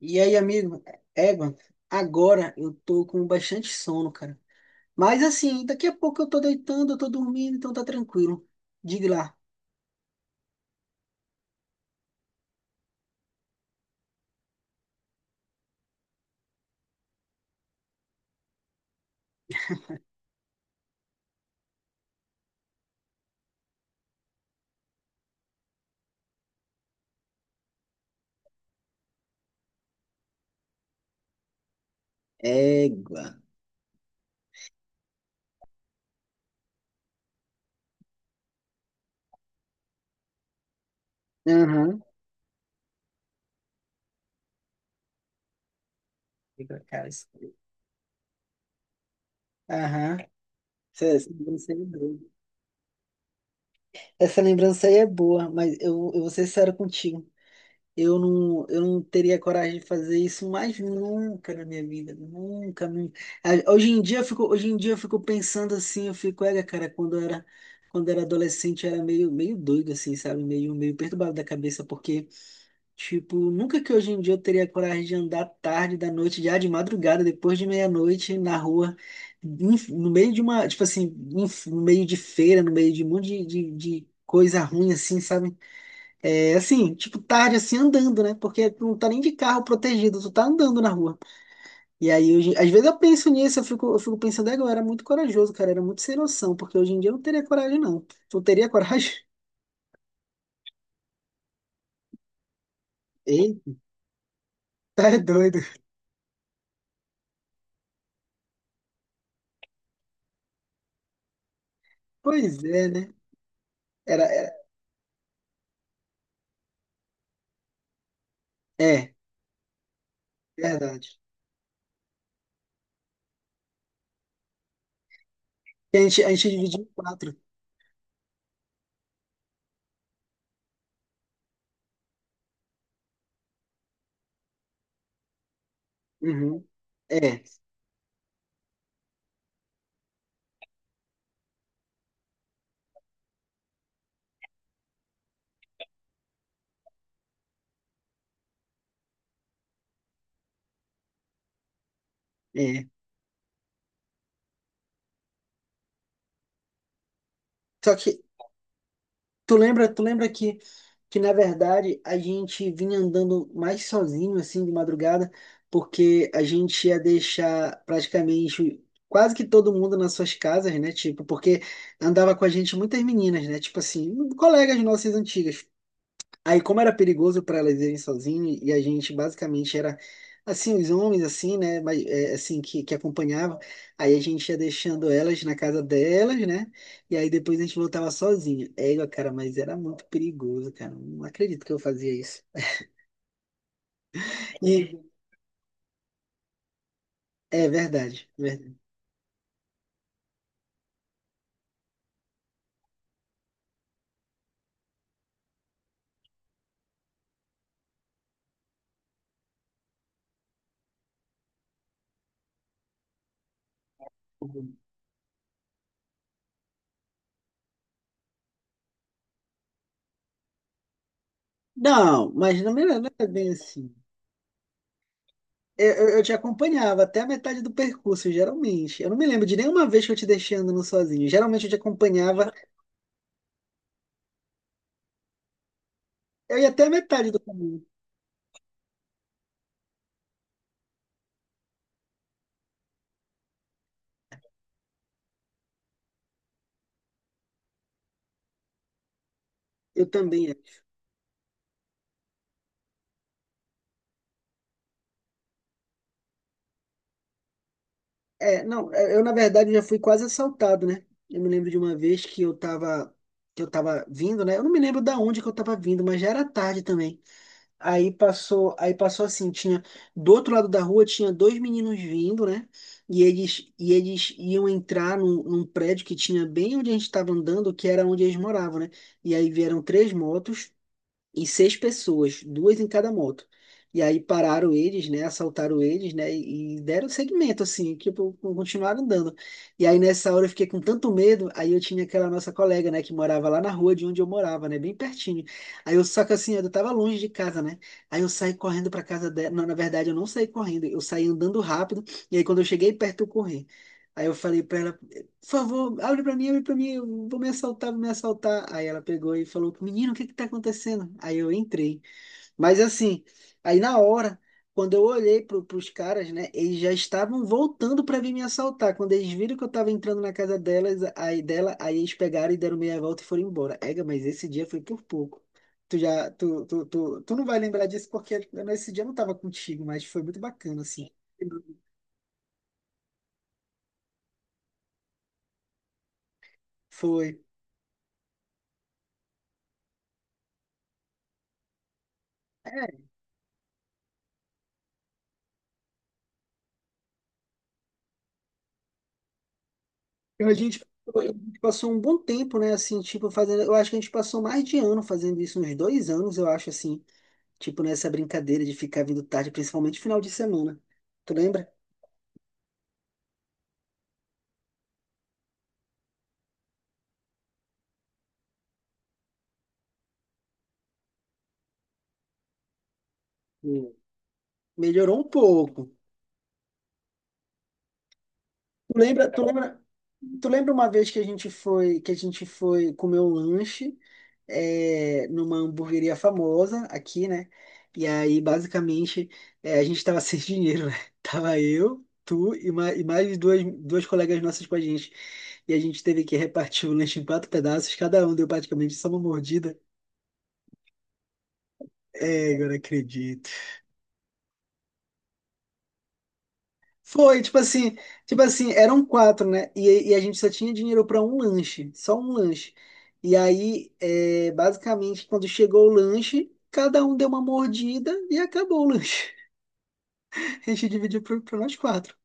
E aí, amigo, Evan, agora eu tô com bastante sono, cara. Mas assim, daqui a pouco eu tô deitando, eu tô dormindo, então tá tranquilo. Diga lá. Égua. Aham. Égua, cara. Aham. Essa lembrança aí é boa. Essa lembrança aí é boa, mas eu vou ser sério contigo. Eu não teria coragem de fazer isso mais nunca na minha vida, nunca. Ah, Hoje em dia eu fico, hoje em dia eu fico pensando assim, olha, cara, quando eu era adolescente eu era meio doido assim, sabe? Meio perturbado da cabeça, porque, tipo, nunca que hoje em dia eu teria coragem de andar tarde da noite, já de madrugada, depois de meia-noite, na rua, no meio de uma, tipo assim, no meio de feira, no meio de um monte de, de coisa ruim, assim, sabe? É assim, tipo, tarde assim andando, né? Porque tu não tá nem de carro protegido, tu tá andando na rua. E aí, hoje, às vezes eu penso nisso, eu fico pensando, "É, eu era muito corajoso, cara, era muito sem noção, porque hoje em dia eu não teria coragem, não. Tu teria coragem?" Eita, é doido. Pois é, né? Era, era- É, verdade. E a gente dividia em quatro. Uhum. É, é. Só que Tu lembra que na verdade a gente vinha andando mais sozinho assim de madrugada, porque a gente ia deixar praticamente quase que todo mundo nas suas casas, né? Tipo, porque andava com a gente muitas meninas, né? Tipo assim, colegas nossas antigas. Aí, como era perigoso para elas irem sozinhas, e a gente basicamente era assim, os homens, assim, né? Mas é, assim, que acompanhavam, aí a gente ia deixando elas na casa delas, né? E aí depois a gente voltava sozinho. É, cara, mas era muito perigoso, cara. Não acredito que eu fazia isso. E é verdade, verdade. Não, mas não era bem assim. Eu te acompanhava até a metade do percurso, geralmente. Eu não me lembro de nenhuma vez que eu te deixei andando sozinho. Geralmente eu te acompanhava, eu ia até a metade do caminho. Eu também acho. É, não, é, eu na verdade já fui quase assaltado, né? Eu me lembro de uma vez que eu tava, vindo, né? Eu não me lembro da onde que eu tava vindo, mas já era tarde também. Aí passou assim, tinha do outro lado da rua tinha dois meninos vindo, né? E eles iam entrar num prédio que tinha bem onde a gente estava andando, que era onde eles moravam, né? E aí vieram três motos e seis pessoas, duas em cada moto. E aí pararam eles, né? Assaltaram eles, né? E deram seguimento, assim, que tipo, continuaram andando. E aí nessa hora eu fiquei com tanto medo, aí eu tinha aquela nossa colega, né, que morava lá na rua de onde eu morava, né? Bem pertinho. Só que assim, eu tava longe de casa, né? Aí eu saí correndo pra casa dela. Não, na verdade, eu não saí correndo, eu saí andando rápido. E aí quando eu cheguei perto, eu corri. Aí eu falei pra ela, por favor, abre pra mim, eu vou me assaltar, vou me assaltar. Aí ela pegou e falou, menino, o que que tá acontecendo? Aí eu entrei. Mas assim, aí na hora, quando eu olhei pros caras, né, eles já estavam voltando pra vir me assaltar. Quando eles viram que eu tava entrando na casa delas, aí dela, aí eles pegaram e deram meia volta e foram embora. Ega, mas esse dia foi por pouco. Tu já, tu, tu, tu, tu não vai lembrar disso porque nesse dia eu não tava contigo, mas foi muito bacana, assim. Foi. É. A gente a gente passou um bom tempo, né? Assim, tipo, fazendo. Eu acho que a gente passou mais de ano fazendo isso, uns 2 anos, eu acho, assim. Tipo, nessa brincadeira de ficar vindo tarde, principalmente final de semana. Tu lembra? Sim. Melhorou um pouco. Tu lembra, tu lembra, tu lembra uma vez que a gente foi comer um lanche é, numa hamburgueria famosa aqui, né? E aí, basicamente, é, a gente tava sem dinheiro, né? Tava eu, tu e mais duas colegas nossas com a gente. E a gente teve que repartir o lanche em quatro pedaços, cada um deu praticamente só uma mordida. É, agora acredito. Foi, tipo assim, eram quatro, né? E a gente só tinha dinheiro para um lanche, só um lanche. E aí, é, basicamente, quando chegou o lanche, cada um deu uma mordida e acabou o lanche. A gente dividiu para nós quatro.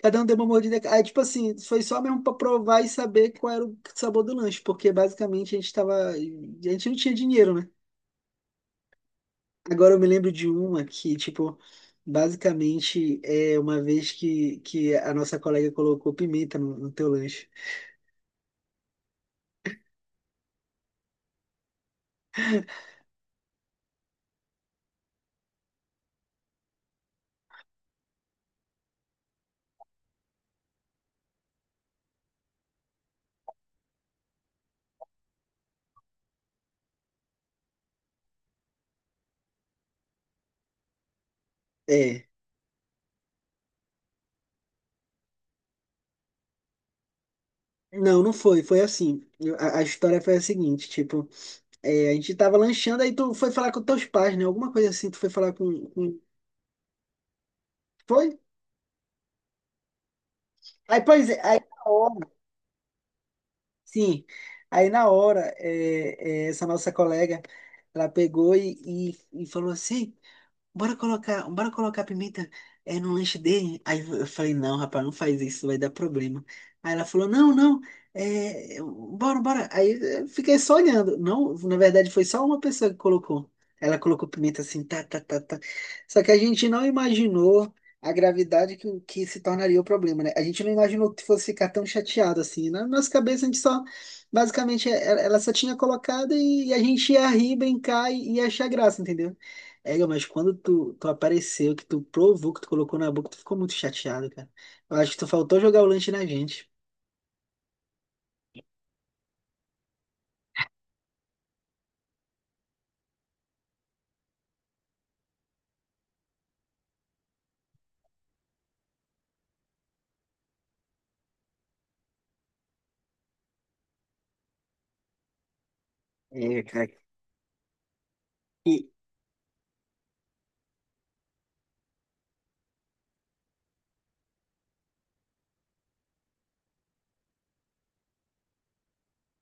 Cada um deu uma mordida. Aí, tipo assim, foi só mesmo para provar e saber qual era o sabor do lanche, porque basicamente a gente não tinha dinheiro, né? Agora eu me lembro de uma que, tipo, basicamente é uma vez que a nossa colega colocou pimenta no teu lanche. É. Não, não foi. Foi assim. A história foi a seguinte, tipo, é, a gente tava lanchando, aí tu foi falar com teus pais, né? Alguma coisa assim, tu foi falar com... Foi? Aí, pois é, aí na hora, sim. Aí na hora, essa nossa colega, ela pegou e falou assim. Bora colocar pimenta no lanche dele. Aí eu falei, não, rapaz, não faz isso, vai dar problema. Aí ela falou, não, não, é, bora, bora. Aí eu fiquei só olhando. Não, na verdade foi só uma pessoa que colocou. Ela colocou pimenta assim, tá, tá, tá, tá. Só que a gente não imaginou a gravidade que se tornaria o problema, né? A gente não imaginou que fosse ficar tão chateado assim. Na nossa cabeça a gente só, basicamente, ela só tinha colocado e a gente ia rir, brincar e achar graça, entendeu? É, mas quando tu apareceu, que tu provou, que tu colocou na boca, tu ficou muito chateado, cara. Eu acho que tu faltou jogar o lanche na gente.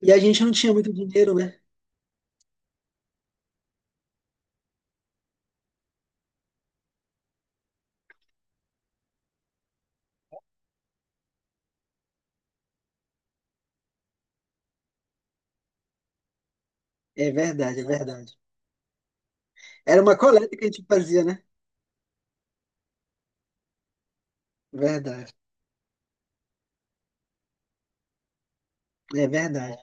E a gente não tinha muito dinheiro, né? É verdade, é verdade. Era uma coleta que a gente fazia, né? Verdade, verdade.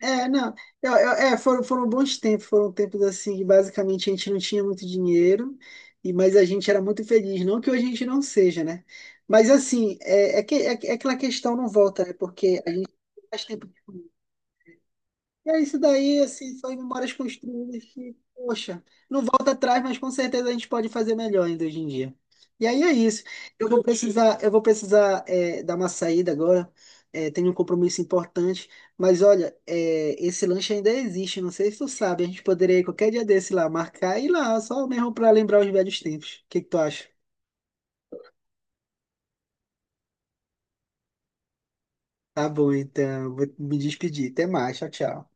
É, não, é, foram bons tempos, foram tempos assim que basicamente a gente não tinha muito dinheiro, e mas a gente era muito feliz. Não que hoje a gente não seja, né? Mas assim, é aquela questão não volta, né? Porque a gente faz tempo. E é isso daí, assim, são memórias construídas que, poxa, não volta atrás, mas com certeza a gente pode fazer melhor ainda hoje em dia. E aí é isso. Eu vou precisar dar uma saída agora. É, tenho um compromisso importante. Mas olha, esse lanche ainda existe. Não sei se tu sabe. A gente poderia ir qualquer dia desse lá, marcar e ir lá, só mesmo para lembrar os velhos tempos. O que que tu acha? Tá bom, então. Vou me despedir. Até mais. Tchau, tchau.